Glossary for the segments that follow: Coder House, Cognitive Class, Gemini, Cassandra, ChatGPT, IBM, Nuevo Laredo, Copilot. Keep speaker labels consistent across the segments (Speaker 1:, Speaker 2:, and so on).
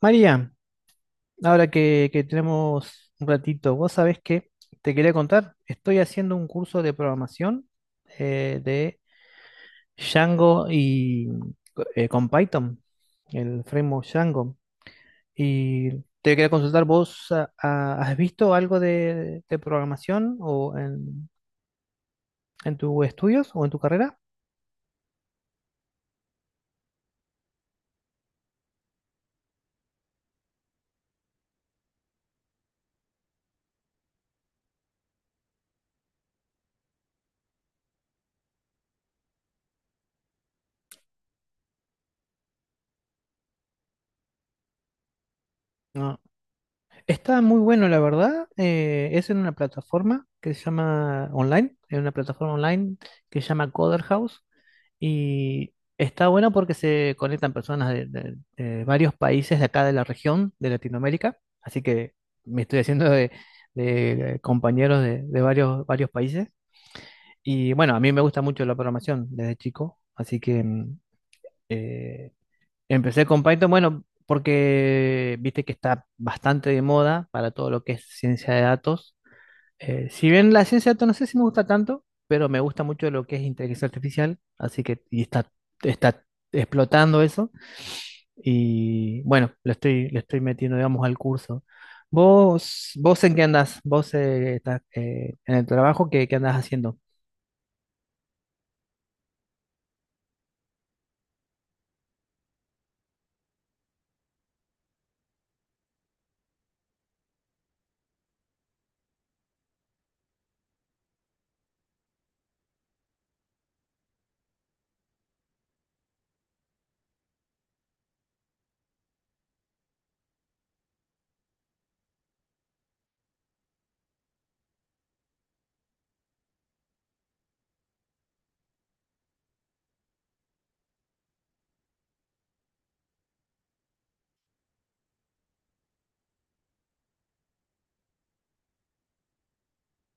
Speaker 1: María, ahora que tenemos un ratito, vos sabés que te quería contar, estoy haciendo un curso de programación de Django y con Python, el framework Django. Y te quería consultar, ¿vos has visto algo de programación o en tus estudios o en tu carrera? No. Está muy bueno, la verdad. Es en una plataforma que se llama online, en una plataforma online que se llama Coder House. Y está bueno porque se conectan personas de varios países de acá de la región, de Latinoamérica. Así que me estoy haciendo de compañeros de varios países. Y bueno, a mí me gusta mucho la programación desde chico. Así que eh, empecé con Python, bueno, porque viste que está bastante de moda para todo lo que es ciencia de datos. Si bien la ciencia de datos no sé si me gusta tanto, pero me gusta mucho lo que es inteligencia artificial, así que y está explotando eso. Y bueno, le estoy metiendo, digamos, al curso. Vos en qué andás? ¿Vos estás en el trabajo? Qué andás haciendo?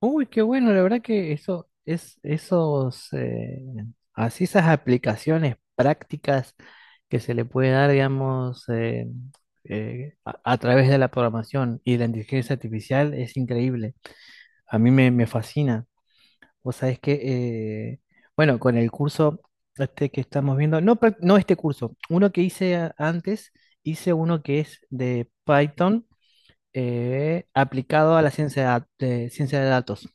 Speaker 1: Uy, qué bueno, la verdad que eso es esos así esas aplicaciones prácticas que se le puede dar, digamos, a través de la programación y de la inteligencia artificial es increíble. A mí me fascina. Vos sabés que, eh, bueno, con el curso este que estamos viendo, no, este curso, uno que antes, hice uno que es de Python aplicado a la ciencia de ciencia de datos,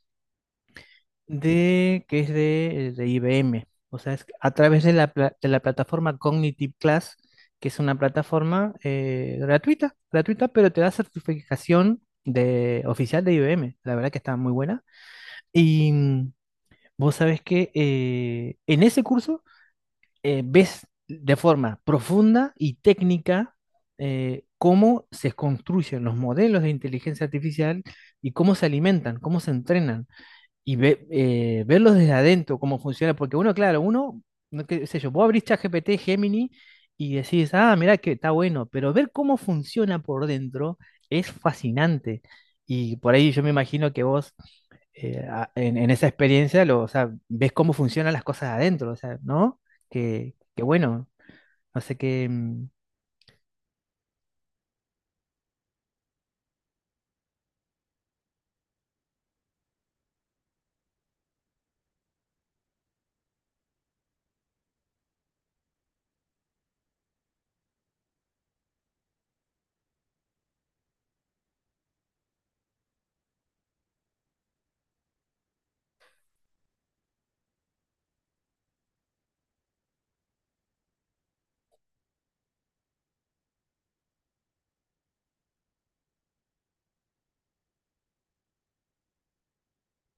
Speaker 1: de que es de IBM. O sea, es a través de de la plataforma Cognitive Class, que es una plataforma gratuita, pero te da certificación de, oficial de IBM. La verdad que está muy buena. Y vos sabés que en ese curso ves de forma profunda y técnica cómo se construyen los modelos de inteligencia artificial y cómo se alimentan, cómo se entrenan y verlos desde adentro, cómo funciona, porque uno, claro, uno, no qué sé yo, vos abrís ChatGPT, Gemini y decís, ah, mirá que está bueno, pero ver cómo funciona por dentro es fascinante. Y por ahí yo me imagino que vos en esa experiencia lo, o sea, ves cómo funcionan las cosas adentro, o sea, ¿no? Que bueno, no sé qué, mm,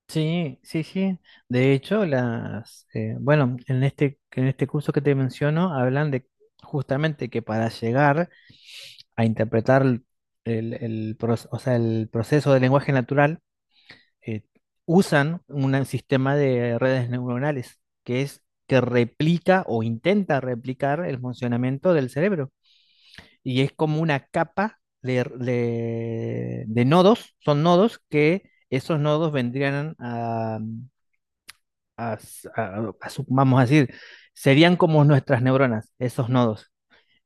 Speaker 1: sí, sí, sí. De hecho, bueno, en este curso que te menciono, hablan de justamente que para llegar a interpretar o sea, el proceso del lenguaje natural, eh, usan un sistema de redes neuronales que es que replica o intenta replicar el funcionamiento del cerebro. Y es como una capa de nodos, son nodos que esos nodos vendrían a a- a- a su-, vamos a decir, serían como nuestras neuronas, esos nodos.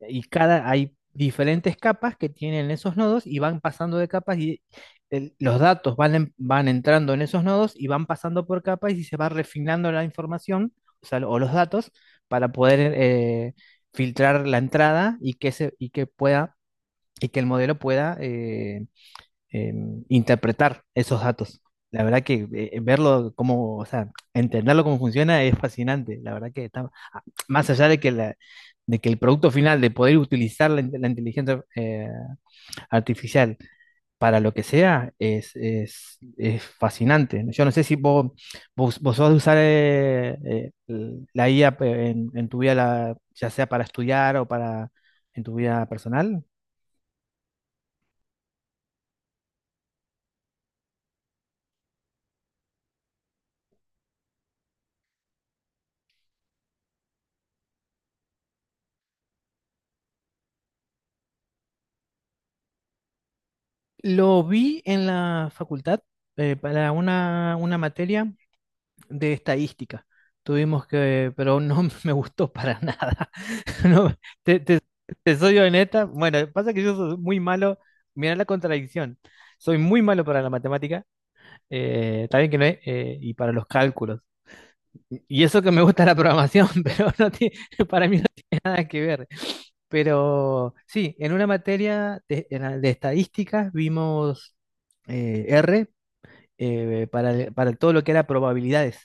Speaker 1: Y cada, hay diferentes capas que tienen esos nodos y van pasando de capas y los datos van entrando en esos nodos y van pasando por capas y se va refinando la información, o sea, o los datos, para poder filtrar la entrada y que pueda, y que el modelo pueda eh, interpretar esos datos. La verdad que verlo cómo, o sea, entenderlo cómo funciona es fascinante. La verdad que está más allá de que de que el producto final de poder utilizar la inteligencia artificial para lo que sea es fascinante. Yo no sé si vos sos de usar la IA en tu vida, la- ya sea para estudiar o para en tu vida personal. Lo vi en la facultad para una materia de estadística. Tuvimos que, pero no me gustó para nada. No, te, te- te soy honesta. Bueno, pasa que yo soy muy malo. Mira la contradicción. Soy muy malo para la matemática, también que no es, y para los cálculos. Y eso que me gusta la programación, pero no tiene, para mí no tiene nada que ver. Pero sí, en una materia de, en la de estadísticas vimos R para todo lo que era probabilidades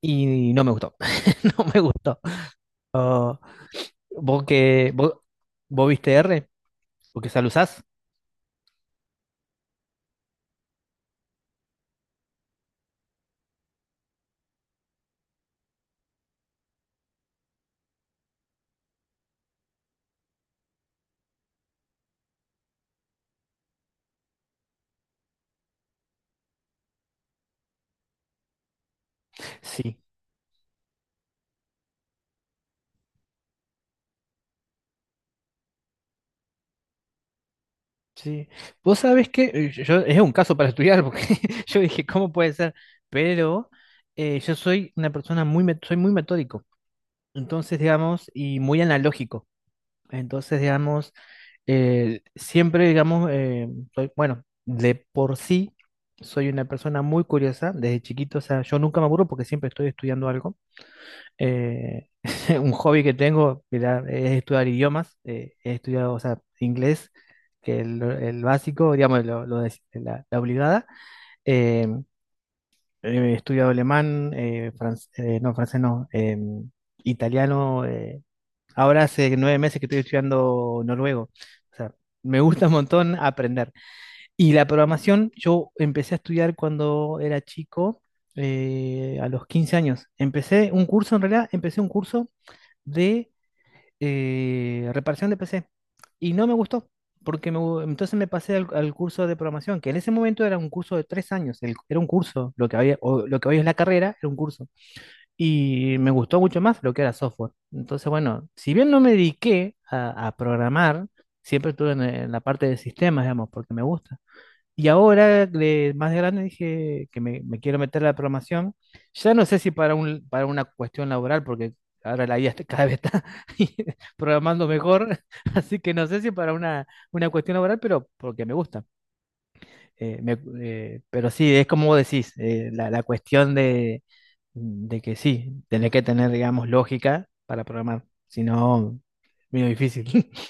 Speaker 1: y no me gustó. No me gustó. ¿Vos, que, vos, Vos viste R? ¿Porque ya lo usás? Sí, sí. Vos sabés que es un caso para estudiar, porque yo dije, ¿cómo puede ser? Pero yo soy una persona soy muy metódico. Entonces, digamos, y muy analógico. Entonces, digamos, siempre, digamos, bueno, de por sí soy una persona muy curiosa desde chiquito. O sea, yo nunca me aburro porque siempre estoy estudiando algo. Eh, un hobby que tengo mira, es estudiar idiomas. He estudiado, o sea, inglés, que es el básico, digamos, la obligada. Eh, He estudiado alemán, no, francés no, italiano. Ahora hace 9 meses que estoy estudiando noruego. O sea, me gusta un montón aprender. Y la programación, yo empecé a estudiar cuando era chico, a los 15 años. Empecé un curso, en realidad, empecé un curso de reparación de PC. Y no me gustó, porque entonces me pasé al curso de programación, que en ese momento era un curso de 3 años. Era un curso, lo que había, o lo que hoy es la carrera, era un curso y me gustó mucho más lo que era software. Entonces, bueno, si bien no me dediqué a programar, siempre estuve en la parte de sistemas, digamos, porque me gusta. Y ahora, más de grande, dije que me quiero meter a la programación. Ya no sé si para para una cuestión laboral, porque ahora la IA está- cada vez está programando mejor, así que no sé si para una cuestión laboral, pero porque me gusta. Pero sí, es como vos decís, la cuestión de que sí, tenés que tener, digamos, lógica para programar, si no, medio difícil.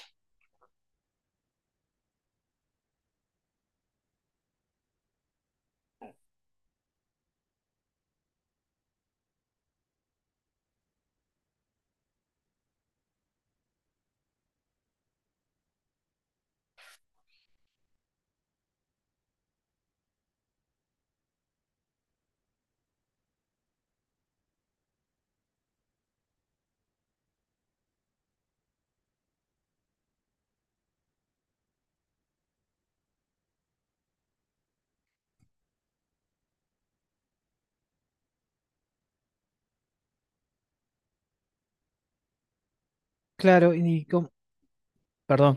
Speaker 1: Claro, y com- perdón,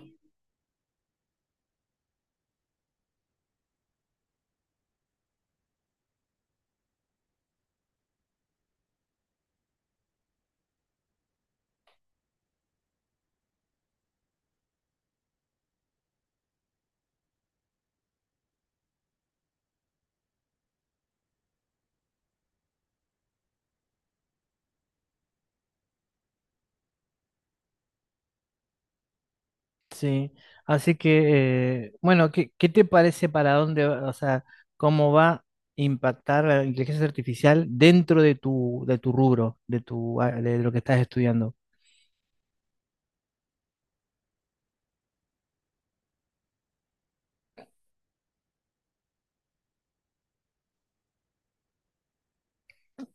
Speaker 1: sí. Así que, bueno, ¿qué, qué te parece para dónde, va- o sea, cómo va a impactar la inteligencia artificial dentro de tu rubro, de tu, a- de lo que estás estudiando?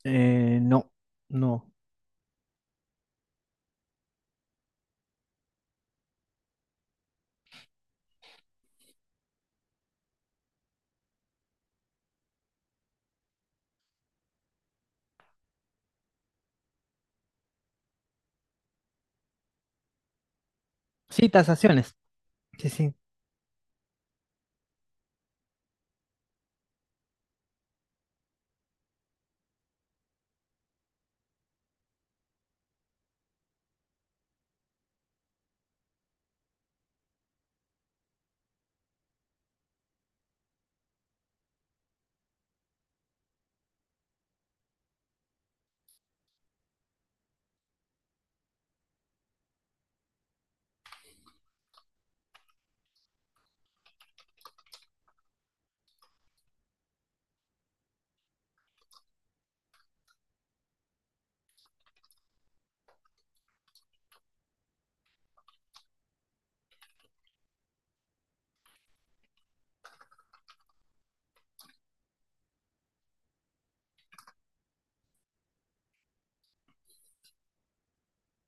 Speaker 1: No, no. Sí, tasaciones. Sí, sí.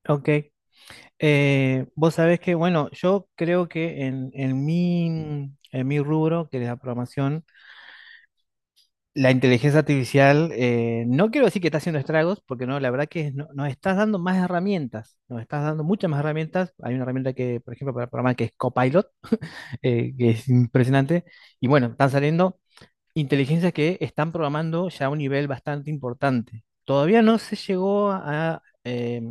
Speaker 1: Ok. Vos sabés que, bueno, yo creo que en mi rubro, que es la programación, la inteligencia artificial, no quiero decir que está haciendo estragos, porque no, la verdad que no- nos estás dando más herramientas, nos estás dando muchas más herramientas. Hay una herramienta que, por ejemplo, para programar que es Copilot, que es impresionante. Y bueno, están saliendo inteligencias que están programando ya a un nivel bastante importante. Todavía no se llegó a, eh,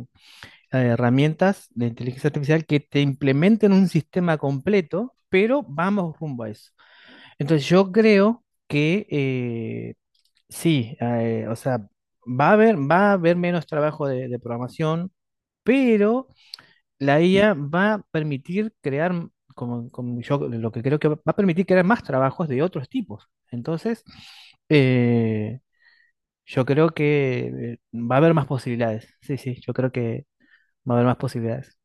Speaker 1: eh, herramientas de inteligencia artificial que te implementen un sistema completo, pero vamos rumbo a eso. Entonces yo creo que sí, o sea, va a haber menos trabajo de programación, pero la IA va a permitir crear, como yo lo que creo que va a permitir crear más trabajos de otros tipos. Entonces, eh, yo creo que va a haber más posibilidades. Sí, sí, yo creo que va a haber más posibilidades.